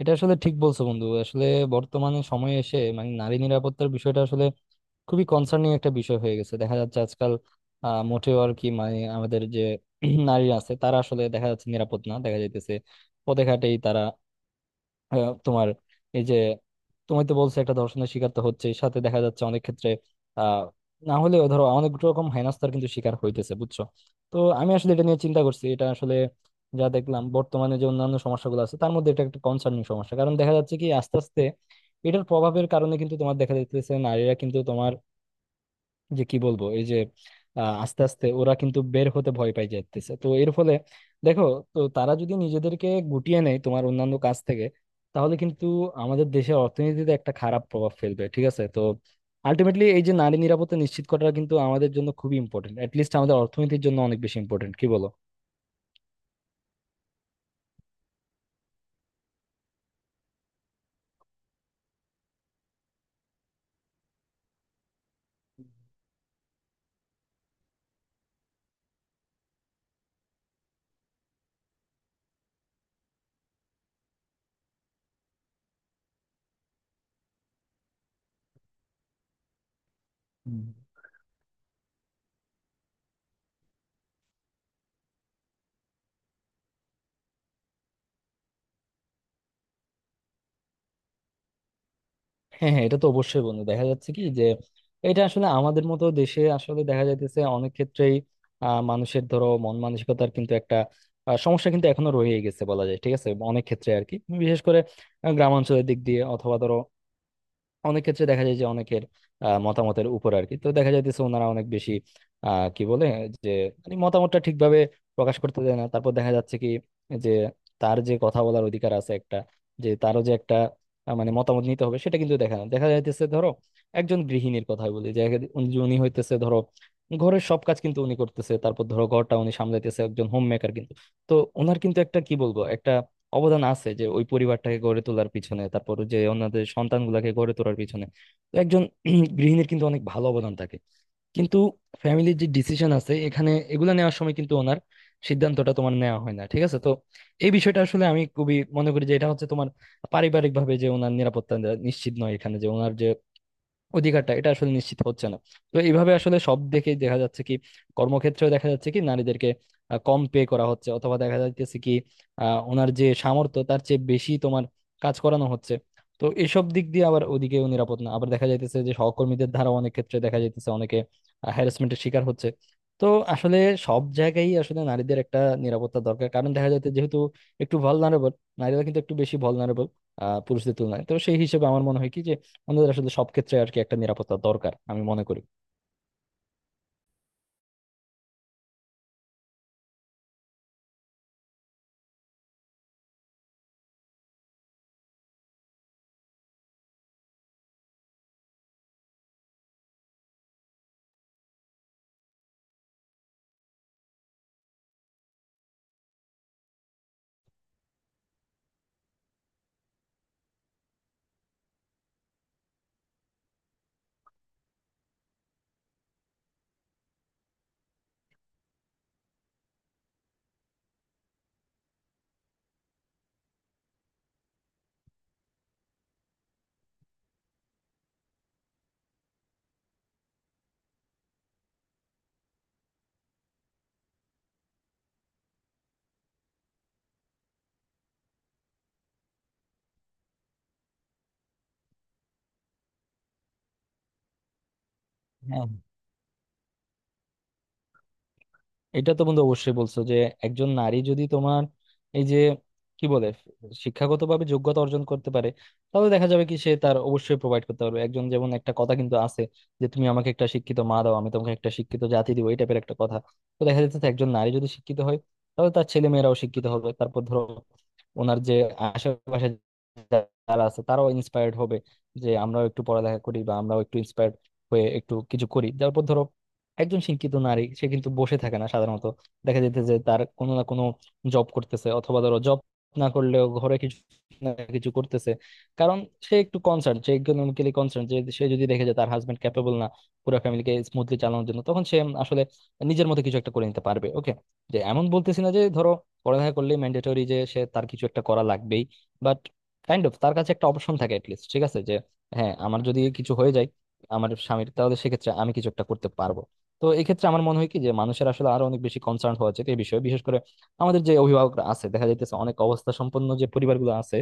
এটা আসলে ঠিক বলছো বন্ধু, আসলে বর্তমানে সময়ে এসে মানে নারী নিরাপত্তার বিষয়টা আসলে খুবই কনসার্নিং একটা বিষয় হয়ে গেছে দেখা যাচ্ছে আজকাল। মোটেও আর কি, মানে আমাদের যে নারী আছে তারা আসলে দেখা যাচ্ছে নিরাপদ না, দেখা যাইতেছে পথে ঘাটেই তারা তোমার এই যে তুমি তো বলছো একটা ধর্ষণের শিকার তো হচ্ছে, সাথে দেখা যাচ্ছে অনেক ক্ষেত্রে আহ না হলেও ধরো অনেক রকম হেনস্থার কিন্তু শিকার হইতেছে, বুঝছো। তো আমি আসলে এটা নিয়ে চিন্তা করছি, এটা আসলে যা দেখলাম বর্তমানে যে অন্যান্য সমস্যাগুলো আছে তার মধ্যে এটা একটা কনসার্নিং সমস্যা, কারণ দেখা যাচ্ছে কি আস্তে আস্তে এটার প্রভাবের কারণে কিন্তু তোমার দেখা যাচ্ছে নারীরা কিন্তু তোমার যে কি বলবো, এই যে আস্তে আস্তে ওরা কিন্তু বের হতে ভয় পাই যাচ্ছে, তো এর ফলে দেখো, তো তারা যদি নিজেদেরকে গুটিয়ে নেয় তোমার অন্যান্য কাজ থেকে, তাহলে কিন্তু আমাদের দেশের অর্থনীতিতে একটা খারাপ প্রভাব ফেলবে, ঠিক আছে। তো আলটিমেটলি এই যে নারী নিরাপত্তা নিশ্চিত করাটা কিন্তু আমাদের জন্য খুবই ইম্পর্টেন্ট, লিস্ট আমাদের অর্থনীতির জন্য অনেক বেশি ইম্পর্টেন্ট, কি বলো। হ্যাঁ, হ্যাঁ, এটা তো অবশ্যই বন্ধু, দেখা যাচ্ছে কি যে এটা আসলে আমাদের মতো দেশে আসলে দেখা যাইতেছে অনেক ক্ষেত্রেই মানুষের ধরো মন মানসিকতার কিন্তু একটা সমস্যা কিন্তু এখনো রয়ে গেছে বলা যায়, ঠিক আছে অনেক ক্ষেত্রে আর কি। বিশেষ করে গ্রামাঞ্চলের দিক দিয়ে, অথবা ধরো অনেক ক্ষেত্রে দেখা যায় যে অনেকের মতামতের উপর আর কি, তো দেখা যাইতেছে ওনারা অনেক বেশি কি বলে, যে মানে মতামতটা ঠিকভাবে প্রকাশ করতে দেয় না। তারপর দেখা যাচ্ছে কি যে তার যে কথা বলার অধিকার আছে একটা, যে তারও যে একটা মানে মতামত নিতে হবে, সেটা কিন্তু দেখা না দেখা যাইতেছে। ধরো একজন গৃহিণীর কথা বলি, যে এক- উনি উনি হইতেছে ধরো ঘরের সব কাজ কিন্তু উনি করতেছে, তারপর ধরো ঘরটা উনি সামলাইতেছে, একজন হোম মেকার কিন্তু। তো ওনার কিন্তু একটা কি বলবো, একটা অবদান আছে যে ওই পরিবারটাকে গড়ে তোলার পিছনে, তারপর যে ওনাদের সন্তানগুলাকে গড়ে তোলার পিছনে। তো একজন গৃহিণীর কিন্তু অনেক ভালো অবদান থাকে। কিন্তু ফ্যামিলির যে ডিসিশন আছে এখানে এগুলা নেওয়ার সময় কিন্তু ওনার সিদ্ধান্তটা তোমার নেওয়া হয় না, ঠিক আছে। তো এই বিষয়টা আসলে আমি খুবই মনে করি যে এটা হচ্ছে তোমার পারিবারিক ভাবে যে ওনার নিরাপত্তা নিশ্চিত নয়, এখানে যে ওনার যে অধিকারটা, এটা আসলে নিশ্চিত হচ্ছে না। তো এইভাবে আসলে সব দেখেই দেখা যাচ্ছে কি কর্মক্ষেত্রেও দেখা যাচ্ছে কি নারীদেরকে কম পে করা হচ্ছে, অথবা দেখা যাচ্ছে কি ওনার যে সামর্থ্য তার চেয়ে বেশি তোমার কাজ করানো হচ্ছে। তো এসব দিক দিয়ে আবার ওদিকেও নিরাপদ না, আবার দেখা যাইতেছে যে সহকর্মীদের দ্বারা অনেক ক্ষেত্রে দেখা যাইতেছে অনেকে হ্যারাসমেন্টের শিকার হচ্ছে। তো আসলে সব জায়গায় আসলে নারীদের একটা নিরাপত্তা দরকার, কারণ দেখা যাচ্ছে যেহেতু একটু ভালনারেবল, নারীরা কিন্তু একটু বেশি ভালনারেবল পুরুষদের তুলনায়, তো সেই হিসেবে আমার মনে হয় কি যে আমাদের আসলে সব ক্ষেত্রে আর কি একটা নিরাপত্তা দরকার, আমি মনে করি। হ্যাঁ, এটা তো বন্ধু অবশ্যই বলছো যে একজন নারী যদি তোমার এই যে কি বলে, শিক্ষাগতভাবে যোগ্যতা অর্জন করতে পারে, তাহলে দেখা যাবে কি সে তার অবশ্যই প্রোভাইড করতে পারবে। একজন যেমন, একটা কথা কিন্তু আছে যে তুমি আমাকে একটা শিক্ষিত মা দাও, আমি তোমাকে একটা শিক্ষিত জাতি দিব, এই টাইপের একটা কথা। তো দেখা যাচ্ছে একজন নারী যদি শিক্ষিত হয় তাহলে তার ছেলে মেয়েরাও শিক্ষিত হবে। তারপর ধরো ওনার যে আশেপাশে যারা আছে তারাও ইন্সপায়ার্ড হবে, যে আমরাও একটু পড়ালেখা করি বা আমরাও একটু ইন্সপায়ার্ড হয়ে একটু কিছু করি। তারপর ধরো একজন শিক্ষিত নারী সে কিন্তু বসে থাকে না সাধারণত, দেখা যেতে যে তার কোনো না কোনো জব করতেছে, অথবা ধরো জব না করলেও ঘরে কিছু না কিছু করতেছে। কারণ সে একটু কনসার্ন, সে ইকোনমিক্যালি কনসার্ন, যে সে যদি দেখে যে তার হাজবেন্ড ক্যাপেবল না পুরো ফ্যামিলিকে স্মুথলি চালানোর জন্য, তখন সে আসলে নিজের মতো কিছু একটা করে নিতে পারবে। ওকে, যে এমন বলতেছি না যে ধরো পড়ালেখা করলে ম্যান্ডেটরি যে সে তার কিছু একটা করা লাগবেই, বাট কাইন্ড অফ তার কাছে একটা অপশন থাকে, লিস্ট ঠিক আছে, যে হ্যাঁ আমার যদি কিছু হয়ে যায় আমার স্বামীর, তাহলে সেক্ষেত্রে আমি কিছু একটা করতে পারবো। তো এক্ষেত্রে আমার মনে হয় কি যে মানুষের আসলে আরো অনেক বেশি কনসার্ন হওয়া উচিত এই বিষয়ে। বিশেষ করে আমাদের যে অভিভাবকরা আছে দেখা যাইতেছে অনেক অবস্থা সম্পন্ন যে পরিবারগুলো আছে,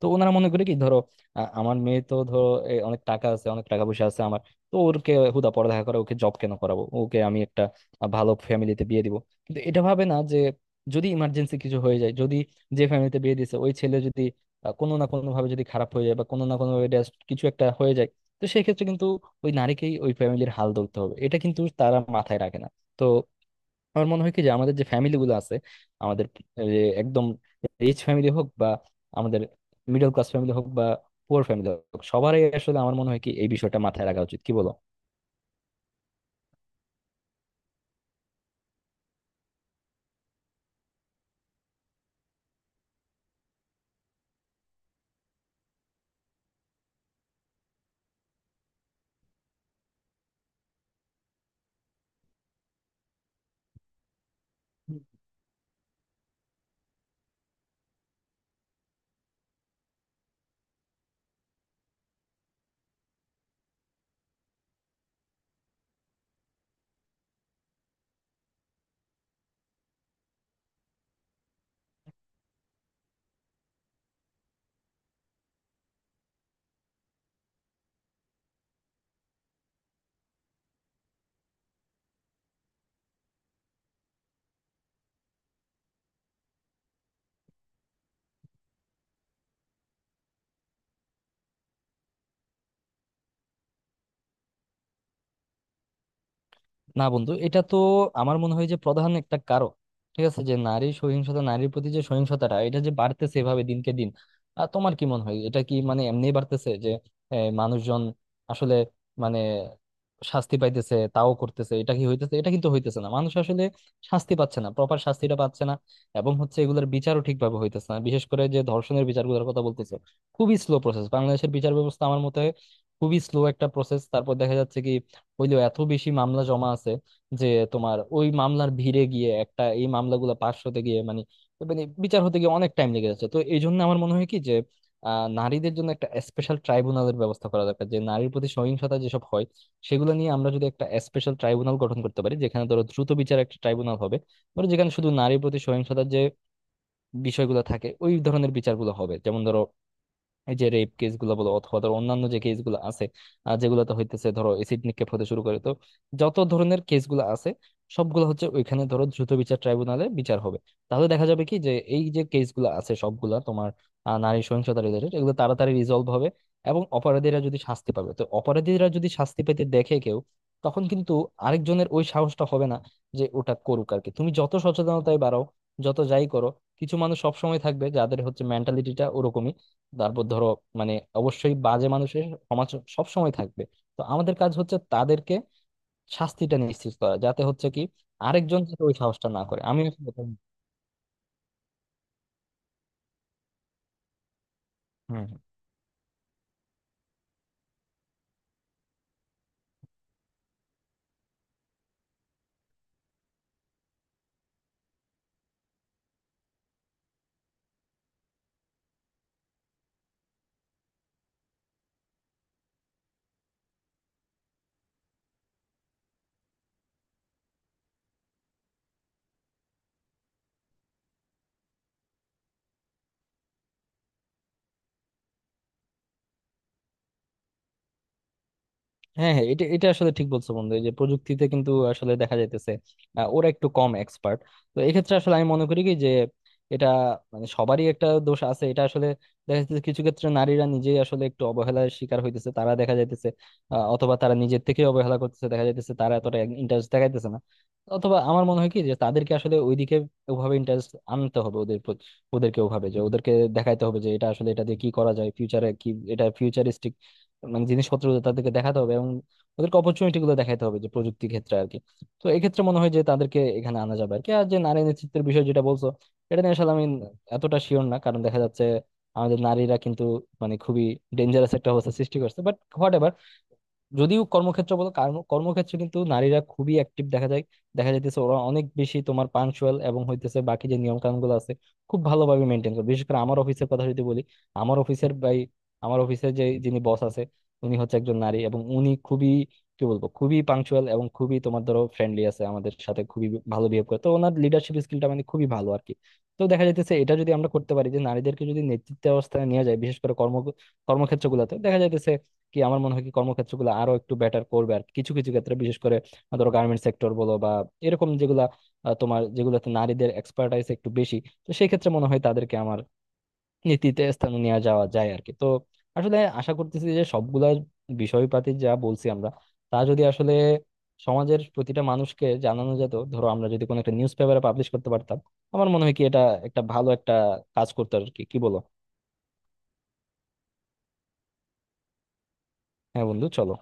তো ওনারা মনে করে কি ধরো আমার মেয়ে তো ধরো অনেক টাকা আছে, অনেক টাকা পয়সা আছে আমার, তো ওরকে হুদা পড়ালেখা করে ওকে জব কেন করাবো, ওকে আমি একটা ভালো ফ্যামিলিতে বিয়ে দিব। কিন্তু এটা ভাবে না যে যদি ইমার্জেন্সি কিছু হয়ে যায়, যদি যে ফ্যামিলিতে বিয়ে দিছে ওই ছেলে যদি কোনো না কোনো ভাবে যদি খারাপ হয়ে যায় বা কোনো না কোনো ভাবে কিছু একটা হয়ে যায়, তো সেই ক্ষেত্রে কিন্তু ওই নারীকেই ওই ফ্যামিলির হাল ধরতে হবে, এটা কিন্তু তারা মাথায় রাখে না। তো আমার মনে হয় কি যে আমাদের যে ফ্যামিলি গুলো আছে, আমাদের যে একদম রিচ ফ্যামিলি হোক, বা আমাদের মিডল ক্লাস ফ্যামিলি হোক, বা পুয়ার ফ্যামিলি হোক, সবারই আসলে আমার মনে হয় কি এই বিষয়টা মাথায় রাখা উচিত, কি বলো। না বন্ধু, এটা তো আমার মনে হয় যে প্রধান একটা কারণ, ঠিক আছে, যে নারী সহিংসতা, নারীর প্রতি যে সহিংসতাটা এটা যে বাড়তেছে এভাবে দিনকে দিন, আর তোমার কি মনে হয় এটা কি মানে এমনি বাড়তেছে যে মানুষজন আসলে মানে শাস্তি পাইতেছে তাও করতেছে, এটা কি হইতেছে? এটা কিন্তু হইতেছে না, মানুষ আসলে শাস্তি পাচ্ছে না, প্রপার শাস্তিটা পাচ্ছে না। এবং হচ্ছে এগুলোর বিচারও ঠিকভাবে হইতেছে না, বিশেষ করে যে ধর্ষণের বিচারগুলোর কথা বলতেছে, খুবই স্লো প্রসেস বাংলাদেশের বিচার ব্যবস্থা, আমার মতে হয় খুবই স্লো একটা প্রসেস। তারপর দেখা যাচ্ছে কি হইলেও এত বেশি মামলা জমা আছে যে তোমার ওই মামলার ভিড়ে গিয়ে একটা এই মামলাগুলো পাশ হতে গিয়ে মানে, মানে বিচার হতে গিয়ে অনেক টাইম লেগে যাচ্ছে। তো এই জন্য আমার মনে হয় কি যে নারীদের জন্য একটা স্পেশাল ট্রাইব্যুনালের ব্যবস্থা করা দরকার, যে নারীর প্রতি সহিংসতা যেসব হয় সেগুলো নিয়ে আমরা যদি একটা স্পেশাল ট্রাইব্যুনাল গঠন করতে পারি, যেখানে ধরো দ্রুত বিচার একটা ট্রাইব্যুনাল হবে, ধরো যেখানে শুধু নারীর প্রতি সহিংসতার যে বিষয়গুলো থাকে ওই ধরনের বিচারগুলো হবে। যেমন ধরো এই যে রেপ কেস গুলো বলো, অথবা ধরো অন্যান্য যে কেস গুলো আছে যেগুলোতে হইতেছে ধরো এসিড নিক্ষেপ হতে শুরু করে, তো যত ধরনের কেস গুলো আছে সবগুলো হচ্ছে ওইখানে ধরো দ্রুত বিচার ট্রাইব্যুনালে বিচার হবে। তাহলে দেখা যাবে কি যে এই যে কেস গুলো আছে সবগুলা তোমার নারী সহিংসতা রিলেটেড, এগুলো তাড়াতাড়ি রিজলভ হবে। এবং অপরাধীরা যদি শাস্তি পাবে, তো অপরাধীরা যদি শাস্তি পেতে দেখে কেউ, তখন কিন্তু আরেকজনের ওই সাহসটা হবে না যে ওটা করুক আর কি। তুমি যত সচেতনতায় বাড়াও, যত যাই করো, কিছু মানুষ সবসময় থাকবে যাদের হচ্ছে মেন্টালিটিটা ওরকমই। তারপর ধরো মানে অবশ্যই বাজে মানুষের সমাজ সব সময় থাকবে। তো আমাদের কাজ হচ্ছে তাদেরকে শাস্তিটা নিশ্চিত করা, যাতে হচ্ছে কি আরেকজন যাতে ওই সাহসটা না করে। আমি হম। হ্যাঁ, হ্যাঁ, এটা এটা আসলে ঠিক বলছো বন্ধু, এই যে প্রযুক্তিতে কিন্তু আসলে দেখা যাইতেছে ওরা একটু কম এক্সপার্ট। তো এক্ষেত্রে আসলে আমি মনে করি কি যে এটা মানে সবারই একটা দোষ আছে, এটা আসলে দেখা যাচ্ছে কিছু ক্ষেত্রে নারীরা নিজেই আসলে একটু অবহেলার শিকার হইতেছে, তারা দেখা যাইতেছে অথবা তারা নিজের থেকে অবহেলা করতেছে, দেখা যাইতেছে তারা এতটা ইন্টারেস্ট দেখাইতেছে না। অথবা আমার মনে হয় কি যে তাদেরকে আসলে ওইদিকে ওভাবে ইন্টারেস্ট আনতে হবে, ওদের ওদেরকে ওভাবে যে ওদেরকে দেখাইতে হবে যে এটা আসলে এটা দিয়ে কি করা যায়, ফিউচারে কি, এটা ফিউচারিস্টিক মানে জিনিসপত্র তাদেরকে দেখাতে হবে, এবং ওদেরকে অপরচুনিটি গুলো দেখাতে হবে যে প্রযুক্তি ক্ষেত্রে আর কি। তো এক্ষেত্রে মনে হয় যে তাদেরকে এখানে আনা যাবে আর কি। আর যে নারী নেতৃত্বের বিষয় যেটা বলছো, এটা নিয়ে আসলে আমি এতটা শিওর না, কারণ দেখা যাচ্ছে আমাদের নারীরা কিন্তু মানে খুবই ডেঞ্জারাস একটা অবস্থা সৃষ্টি করছে, বাট হোয়াট, যদিও কর্মক্ষেত্র বলো, কর্মক্ষেত্রে কিন্তু নারীরা খুবই অ্যাক্টিভ দেখা যায়, দেখা যাইতেছে ওরা অনেক বেশি তোমার পাঞ্চুয়াল, এবং হইতেছে বাকি যে নিয়ম কানুন গুলো আছে খুব ভালোভাবে মেনটেন করে। বিশেষ করে আমার অফিসের কথা যদি বলি, আমার অফিসের ভাই, আমার অফিসের যে যিনি বস আছে, উনি হচ্ছে একজন নারী এবং উনি খুবই কি বলবো, খুবই পাঞ্চুয়াল, এবং খুবই তোমার ধরো ফ্রেন্ডলি আছে আমাদের সাথে, খুবই ভালো বিহেভ করে। তো ওনার লিডারশিপ স্কিলটা মানে খুবই ভালো আর কি। তো দেখা যাইতেছে এটা যদি আমরা করতে পারি যে নারীদেরকে যদি নেতৃত্ব অবস্থায় নিয়ে যায়, বিশেষ করে কর্মক্ষেত্র গুলাতে, দেখা যাইতেছে কি আমার মনে হয় কি কর্মক্ষেত্রগুলো আরো একটু বেটার করবে আর কি। কিছু কিছু ক্ষেত্রে বিশেষ করে ধরো গার্মেন্টস সেক্টর বলো, বা এরকম যেগুলা তোমার যেগুলোতে নারীদের এক্সপার্টাইজ একটু বেশি, তো সেই ক্ষেত্রে মনে হয় তাদেরকে আমার নীতিতে স্থানে নিয়ে যাওয়া যায় আর কি। তো আসলে আশা করতেছি যে সবগুলা বিষয়পাতি যা বলছি আমরা, তা যদি আসলে সমাজের প্রতিটা মানুষকে জানানো যেত, ধরো আমরা যদি কোনো একটা নিউজ পেপারে পাবলিশ করতে পারতাম, আমার মনে হয় কি এটা একটা ভালো একটা কাজ করতো আর কি, কি বলো। হ্যাঁ বন্ধু, চলো।